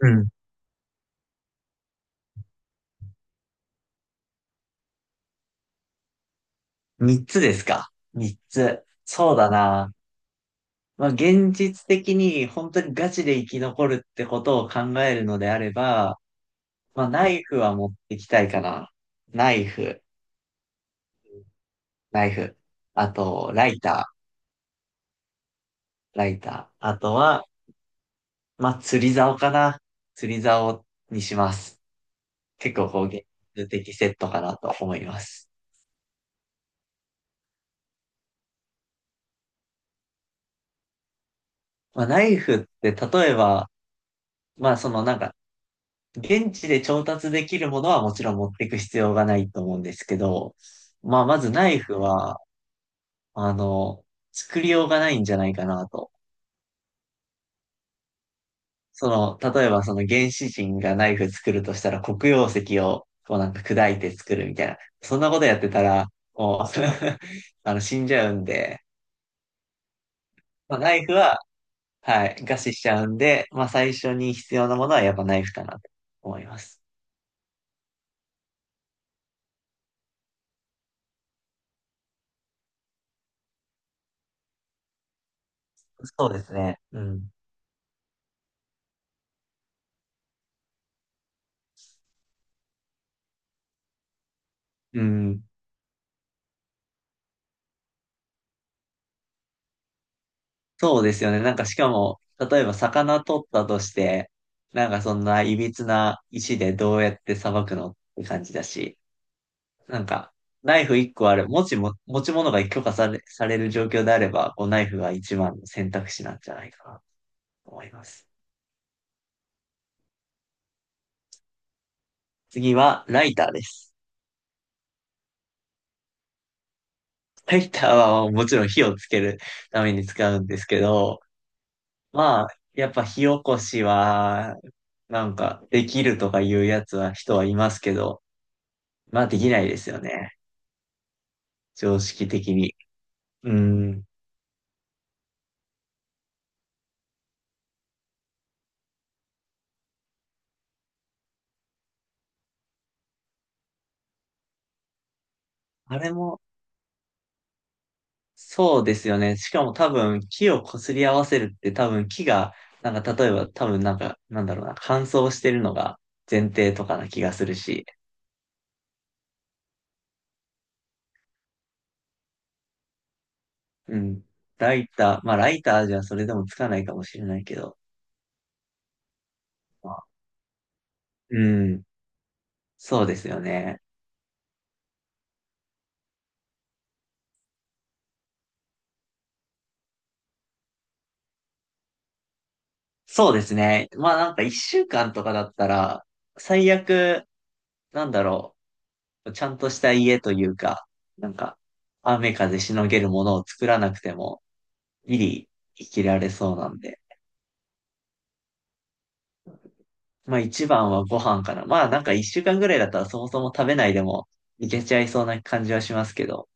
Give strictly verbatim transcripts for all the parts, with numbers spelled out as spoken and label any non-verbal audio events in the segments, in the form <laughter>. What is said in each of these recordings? うん。三つですか。三つ。そうだな。まあ、現実的に本当にガチで生き残るってことを考えるのであれば、まあ、ナイフは持ってきたいかな。ナイフ、ナイフ。あと、ライター、ライター。あとは、まあ、釣り竿かな。釣り竿にします。結構こう、現実的セットかなと思います。まあ、ナイフって例えば、まあ、そのなんか、現地で調達できるものはもちろん持っていく必要がないと思うんですけど、まあ、まずナイフは、あの、作りようがないんじゃないかなと。その、例えばその原始人がナイフ作るとしたら黒曜石をこうなんか砕いて作るみたいな。そんなことやってたら、もう <laughs> あの、死んじゃうんで、まあ、ナイフは、はい、餓死しちゃうんで、まあ、最初に必要なものはやっぱナイフかなと思います。そうですね。うん。うん。そうですよね。なんかしかも、例えば魚取ったとして、なんかそんな歪な石でどうやって捌くのって感じだし、なんかナイフいっこある、持ちも、持ち物が許可され、される状況であれば、こうナイフが一番の選択肢なんじゃないかなと思います。次はライターです。ライターはもちろん火をつけるために使うんですけど、まあ、やっぱ火起こしは、なんかできるとかいうやつは人はいますけど、まあできないですよね。常識的に。うん。あれも、そうですよね。しかも多分、木を擦り合わせるって多分、木が、なんか例えば多分なんか、なんだろうな、乾燥してるのが前提とかな気がするし。うん。ライター、まあライターじゃそれでもつかないかもしれないけど。まあ、うん。そうですよね。そうですね。まあなんか一週間とかだったら、最悪、なんだろう、ちゃんとした家というか、なんか、雨風しのげるものを作らなくても、ギリ生きられそうなんで。まあ一番はご飯かな。まあなんか一週間ぐらいだったらそもそも食べないでもいけちゃいそうな感じはしますけど。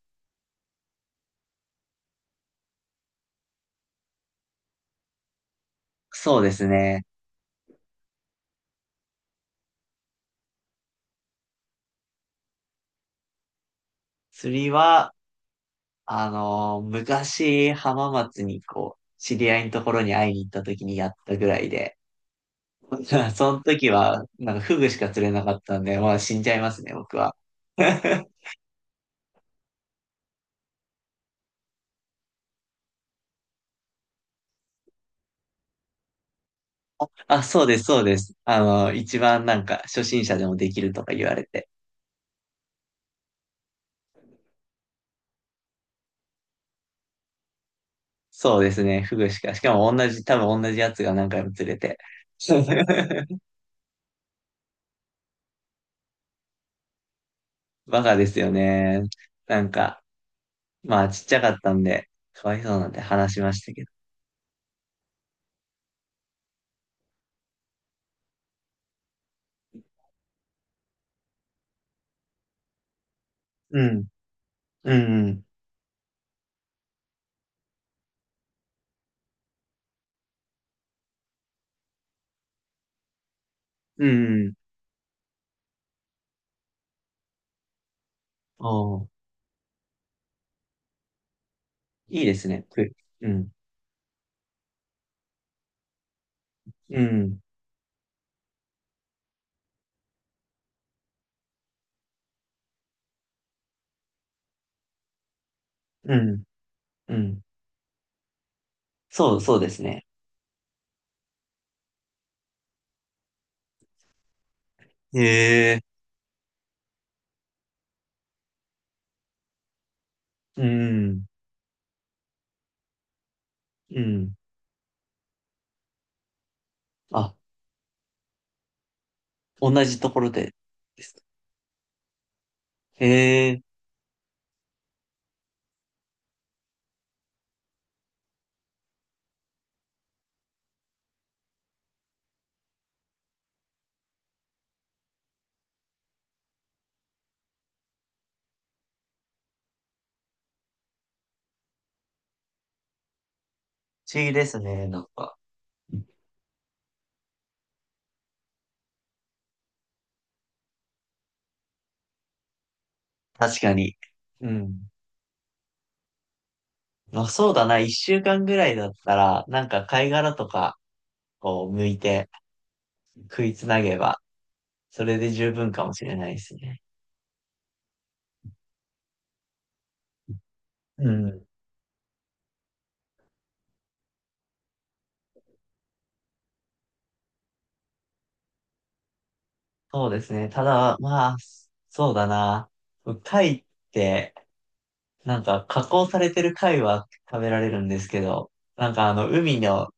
そうですね。釣りは、あのー昔浜松にこう、知り合いのところに会いに行った時にやったぐらいで。<laughs> その時は、なんかフグしか釣れなかったんで、まあ死んじゃいますね、僕は。<laughs> あ、そうです、そうです。あの、一番なんか初心者でもできるとか言われて。そうですね。フグしか。<laughs> しかも同じ、多分同じやつが何回も釣れて。<laughs> バカですよね。なんか、まあちっちゃかったんで、かわいそうなんて話しましたけど。うん。うん。うん。うん。おー、いいですね。ふうん。うん。うん。うん。そう、そうですね。へえ。うん。うん。あ、同じところでですか。へえ。不思議ですね。なんか。確かに。うん。まあそうだな、一週間ぐらいだったら、なんか貝殻とかを剥いて食いつなげば、それで十分かもしれないですね。うん。そうですね。ただ、まあ、そうだな。貝って、なんか加工されてる貝は食べられるんですけど、なんかあの、海の、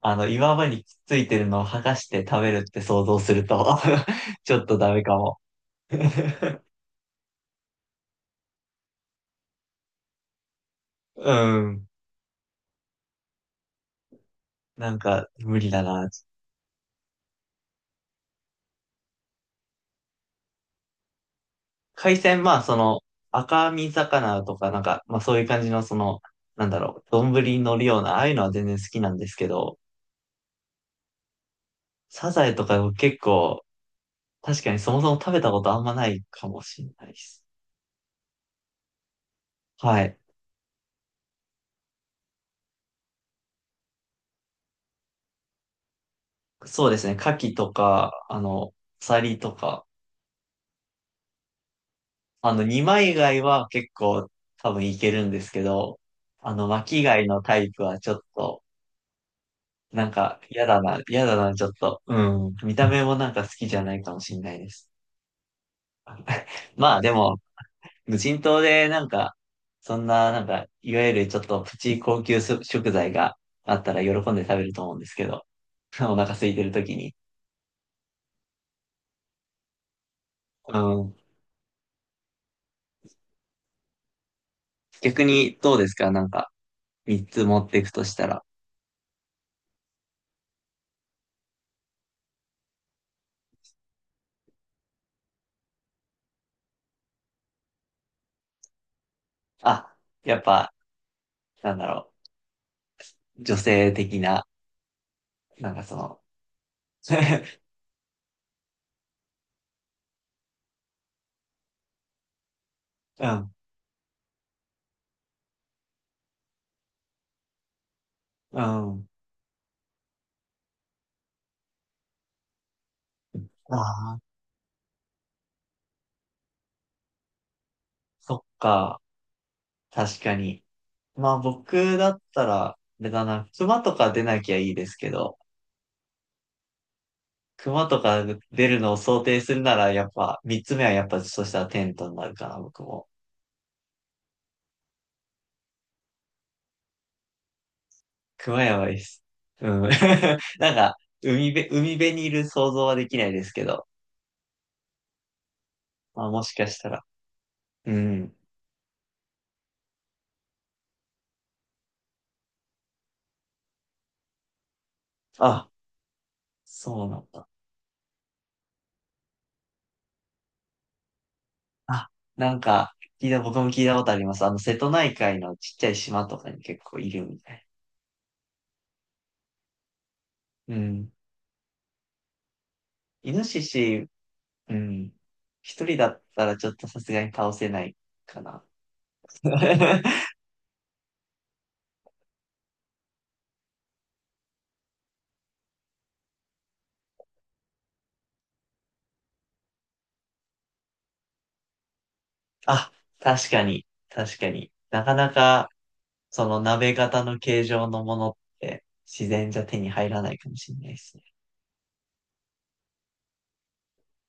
あの、岩場にくっついてるのを剥がして食べるって想像すると <laughs> ちょっとダメかも。<laughs> うん。なんか、無理だな。海鮮、まあ、その、赤身魚とか、なんか、まあ、そういう感じの、その、なんだろう、丼に乗るような、ああいうのは全然好きなんですけど、サザエとか結構、確かにそもそも食べたことあんまないかもしれないです。はい。そうですね、牡蠣とか、あの、サリとか、あの、二枚貝は結構多分いけるんですけど、あの、巻き貝のタイプはちょっと、なんか、嫌だな、嫌だな、ちょっと、うん、見た目もなんか好きじゃないかもしれないです。まあでも、無人島でなんか、そんななんか、いわゆるちょっとプチ高級食材があったら喜んで食べると思うんですけど、<laughs> お腹空いてる時に。うん。逆にどうですかなんか、三つ持っていくとしたら。あ、やっぱ、なんだろう、女性的な、なんかその、<laughs> うん、うん。ああ、そっか。確かに。まあ僕だったら、あれだな、熊とか出なきゃいいですけど、熊とか出るのを想定するなら、やっぱ、三つ目はやっぱ、そしたらテントになるかな、僕も。熊やばいです。うん。<laughs> なんか、海辺、海辺にいる想像はできないですけど、まあもしかしたら。うん。あ、そうなんだ。あ、なんか、聞いた、僕も聞いたことあります。あの、瀬戸内海のちっちゃい島とかに結構いるみたい。うん。イノシシ、うん。一人だったらちょっとさすがに倒せないかな。<laughs> あ、確かに、確かになかなか、その鍋型の形状のものって自然じゃ手に入らないかもしれないですね。